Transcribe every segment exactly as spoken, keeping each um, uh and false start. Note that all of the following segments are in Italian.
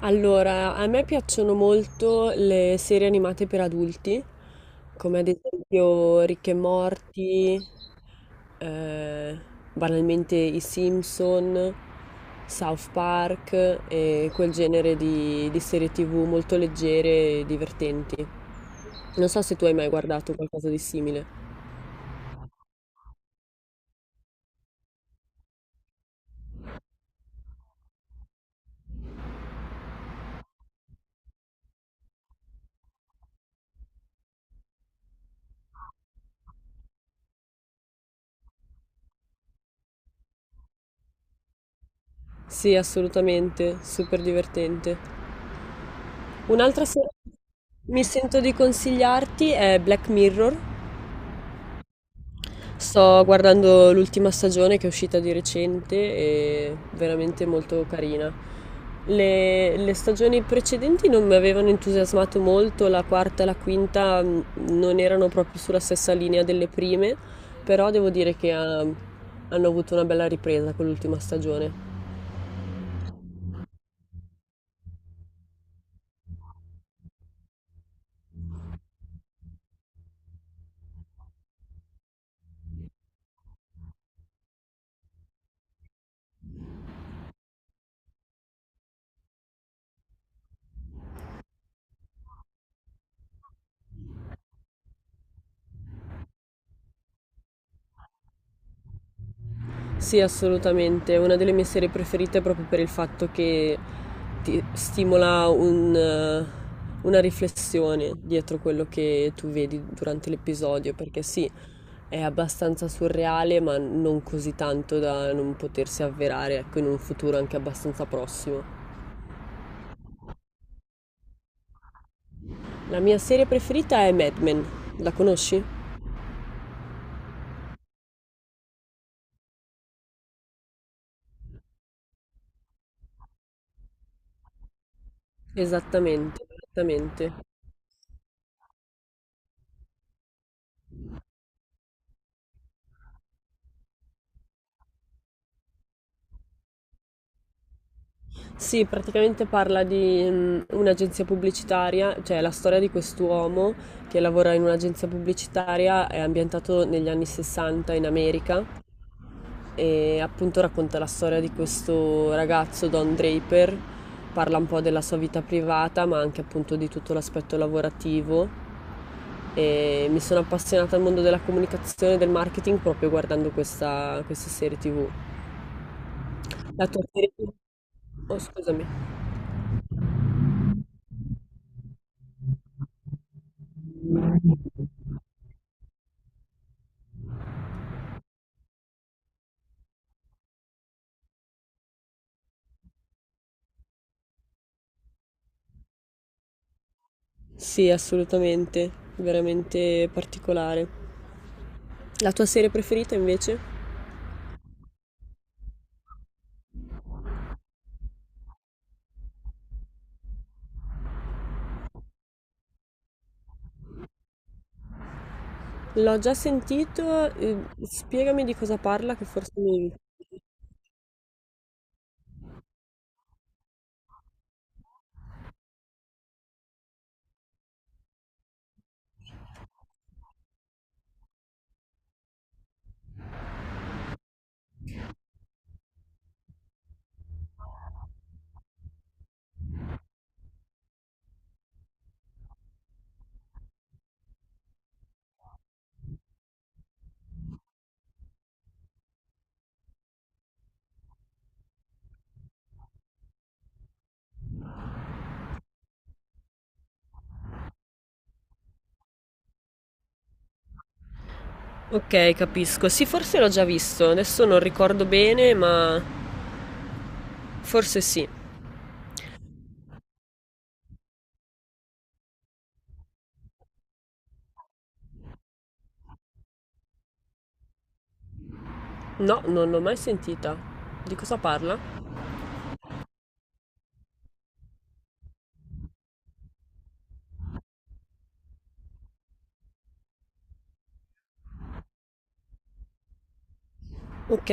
Allora, a me piacciono molto le serie animate per adulti, come ad esempio Rick e Morty, eh, banalmente i Simpson, South Park e quel genere di, di serie T V molto leggere e divertenti. Non so se tu hai mai guardato qualcosa di simile. Sì, assolutamente, super divertente. Un'altra serie che mi sento di consigliarti è Black Mirror. Sto guardando l'ultima stagione che è uscita di recente e veramente molto carina. Le, le stagioni precedenti non mi avevano entusiasmato molto, la quarta e la quinta mh, non erano proprio sulla stessa linea delle prime, però devo dire che ha- hanno avuto una bella ripresa con l'ultima stagione. Sì, assolutamente. È una delle mie serie preferite proprio per il fatto che ti stimola un, eh, una riflessione dietro quello che tu vedi durante l'episodio, perché sì, è abbastanza surreale, ma non così tanto da non potersi avverare, ecco, in un futuro anche abbastanza prossimo. La mia serie preferita è Mad Men. La conosci? Esattamente, esattamente. Sì, praticamente parla di mm, un'agenzia pubblicitaria, cioè la storia di quest'uomo che lavora in un'agenzia pubblicitaria, è ambientato negli anni sessanta in America e appunto racconta la storia di questo ragazzo, Don Draper, parla un po' della sua vita privata ma anche appunto di tutto l'aspetto lavorativo e mi sono appassionata al mondo della comunicazione e del marketing proprio guardando questa, questa serie T V. La tua serie ti vù? Oh, scusami. Sì, assolutamente, veramente particolare. La tua serie preferita invece? L'ho già sentito, eh, spiegami di cosa parla che forse mi... Ok, capisco. Sì, forse l'ho già visto, adesso non ricordo bene, ma forse sì. No, non l'ho mai sentita. Di cosa parla? Ok.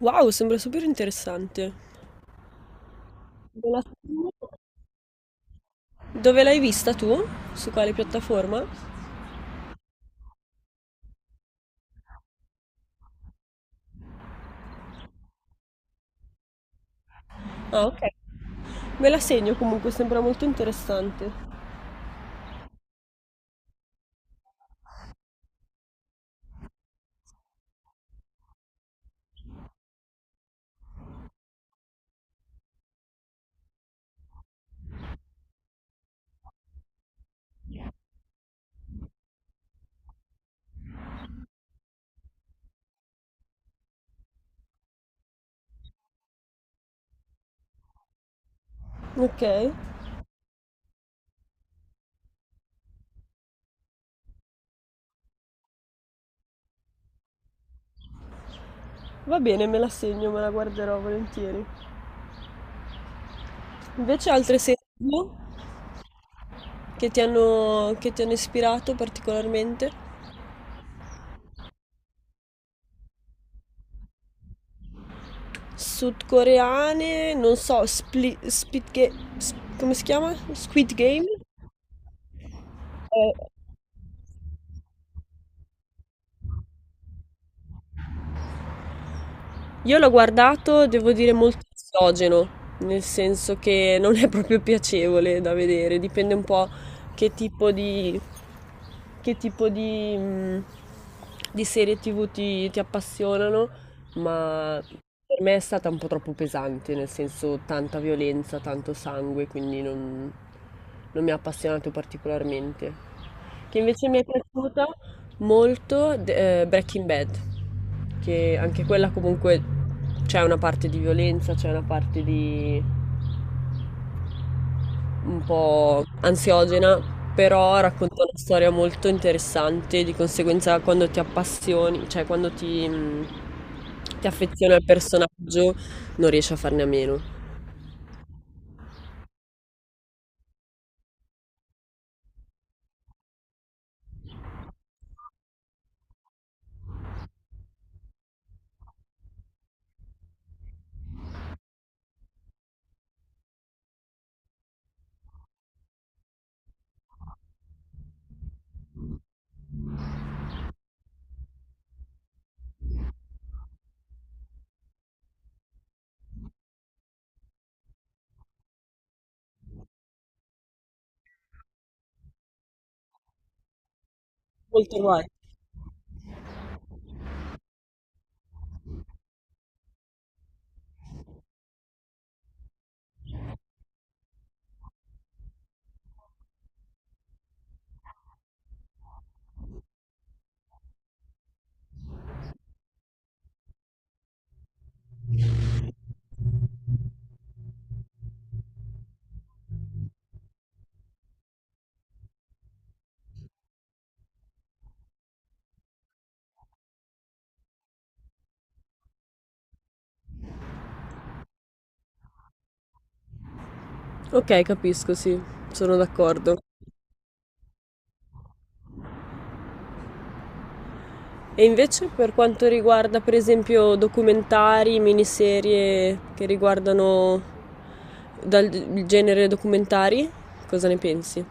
Wow, sembra super interessante. Me la... Dove l'hai vista tu? Su quale piattaforma? Ah, ok. Me la segno comunque, sembra molto interessante. Ok. Va bene, me la segno, me la guarderò volentieri. Invece altre serie ti vù che ti hanno, che ti hanno ispirato particolarmente? Sudcoreane, non so, Split, Spit Ga- s- come si chiama? Squid Game? Eh, Io l'ho guardato, devo dire, molto esogeno, nel senso che non è proprio piacevole da vedere, dipende un po' che tipo di, che tipo di, mh, di serie T V ti, ti appassionano, ma per me è stata un po' troppo pesante, nel senso tanta violenza, tanto sangue, quindi non, non mi ha appassionato particolarmente. Che invece mi è piaciuta? Molto de- eh, Breaking Bad, che anche quella comunque c'è una parte di violenza, c'è una parte di un po' ansiogena, però racconta una storia molto interessante, di conseguenza quando ti appassioni, cioè quando ti, mh, ti affezioni al personaggio non riesci a farne a meno. Molto guai. Ok, capisco, sì, sono d'accordo. E invece per quanto riguarda per esempio documentari, miniserie che riguardano dal genere documentari, cosa ne pensi?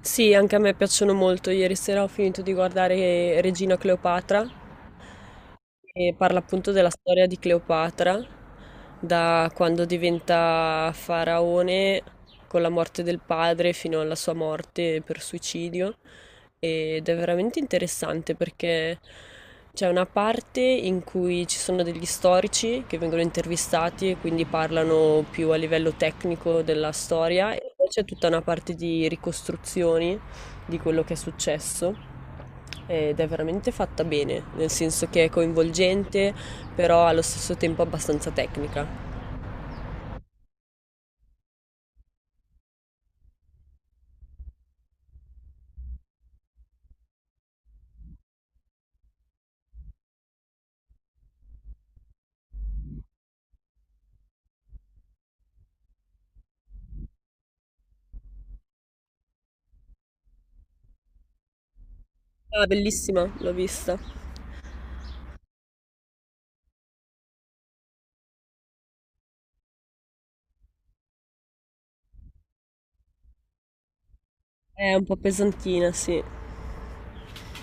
Sì, anche a me piacciono molto. Ieri sera ho finito di guardare Regina Cleopatra e parla appunto della storia di Cleopatra, da quando diventa faraone con la morte del padre fino alla sua morte per suicidio. Ed è veramente interessante perché c'è una parte in cui ci sono degli storici che vengono intervistati e quindi parlano più a livello tecnico della storia, e poi c'è tutta una parte di ricostruzioni di quello che è successo ed è veramente fatta bene, nel senso che è coinvolgente, però allo stesso tempo abbastanza tecnica. Ah, bellissima, l'ho vista. È un po' pesantina, sì.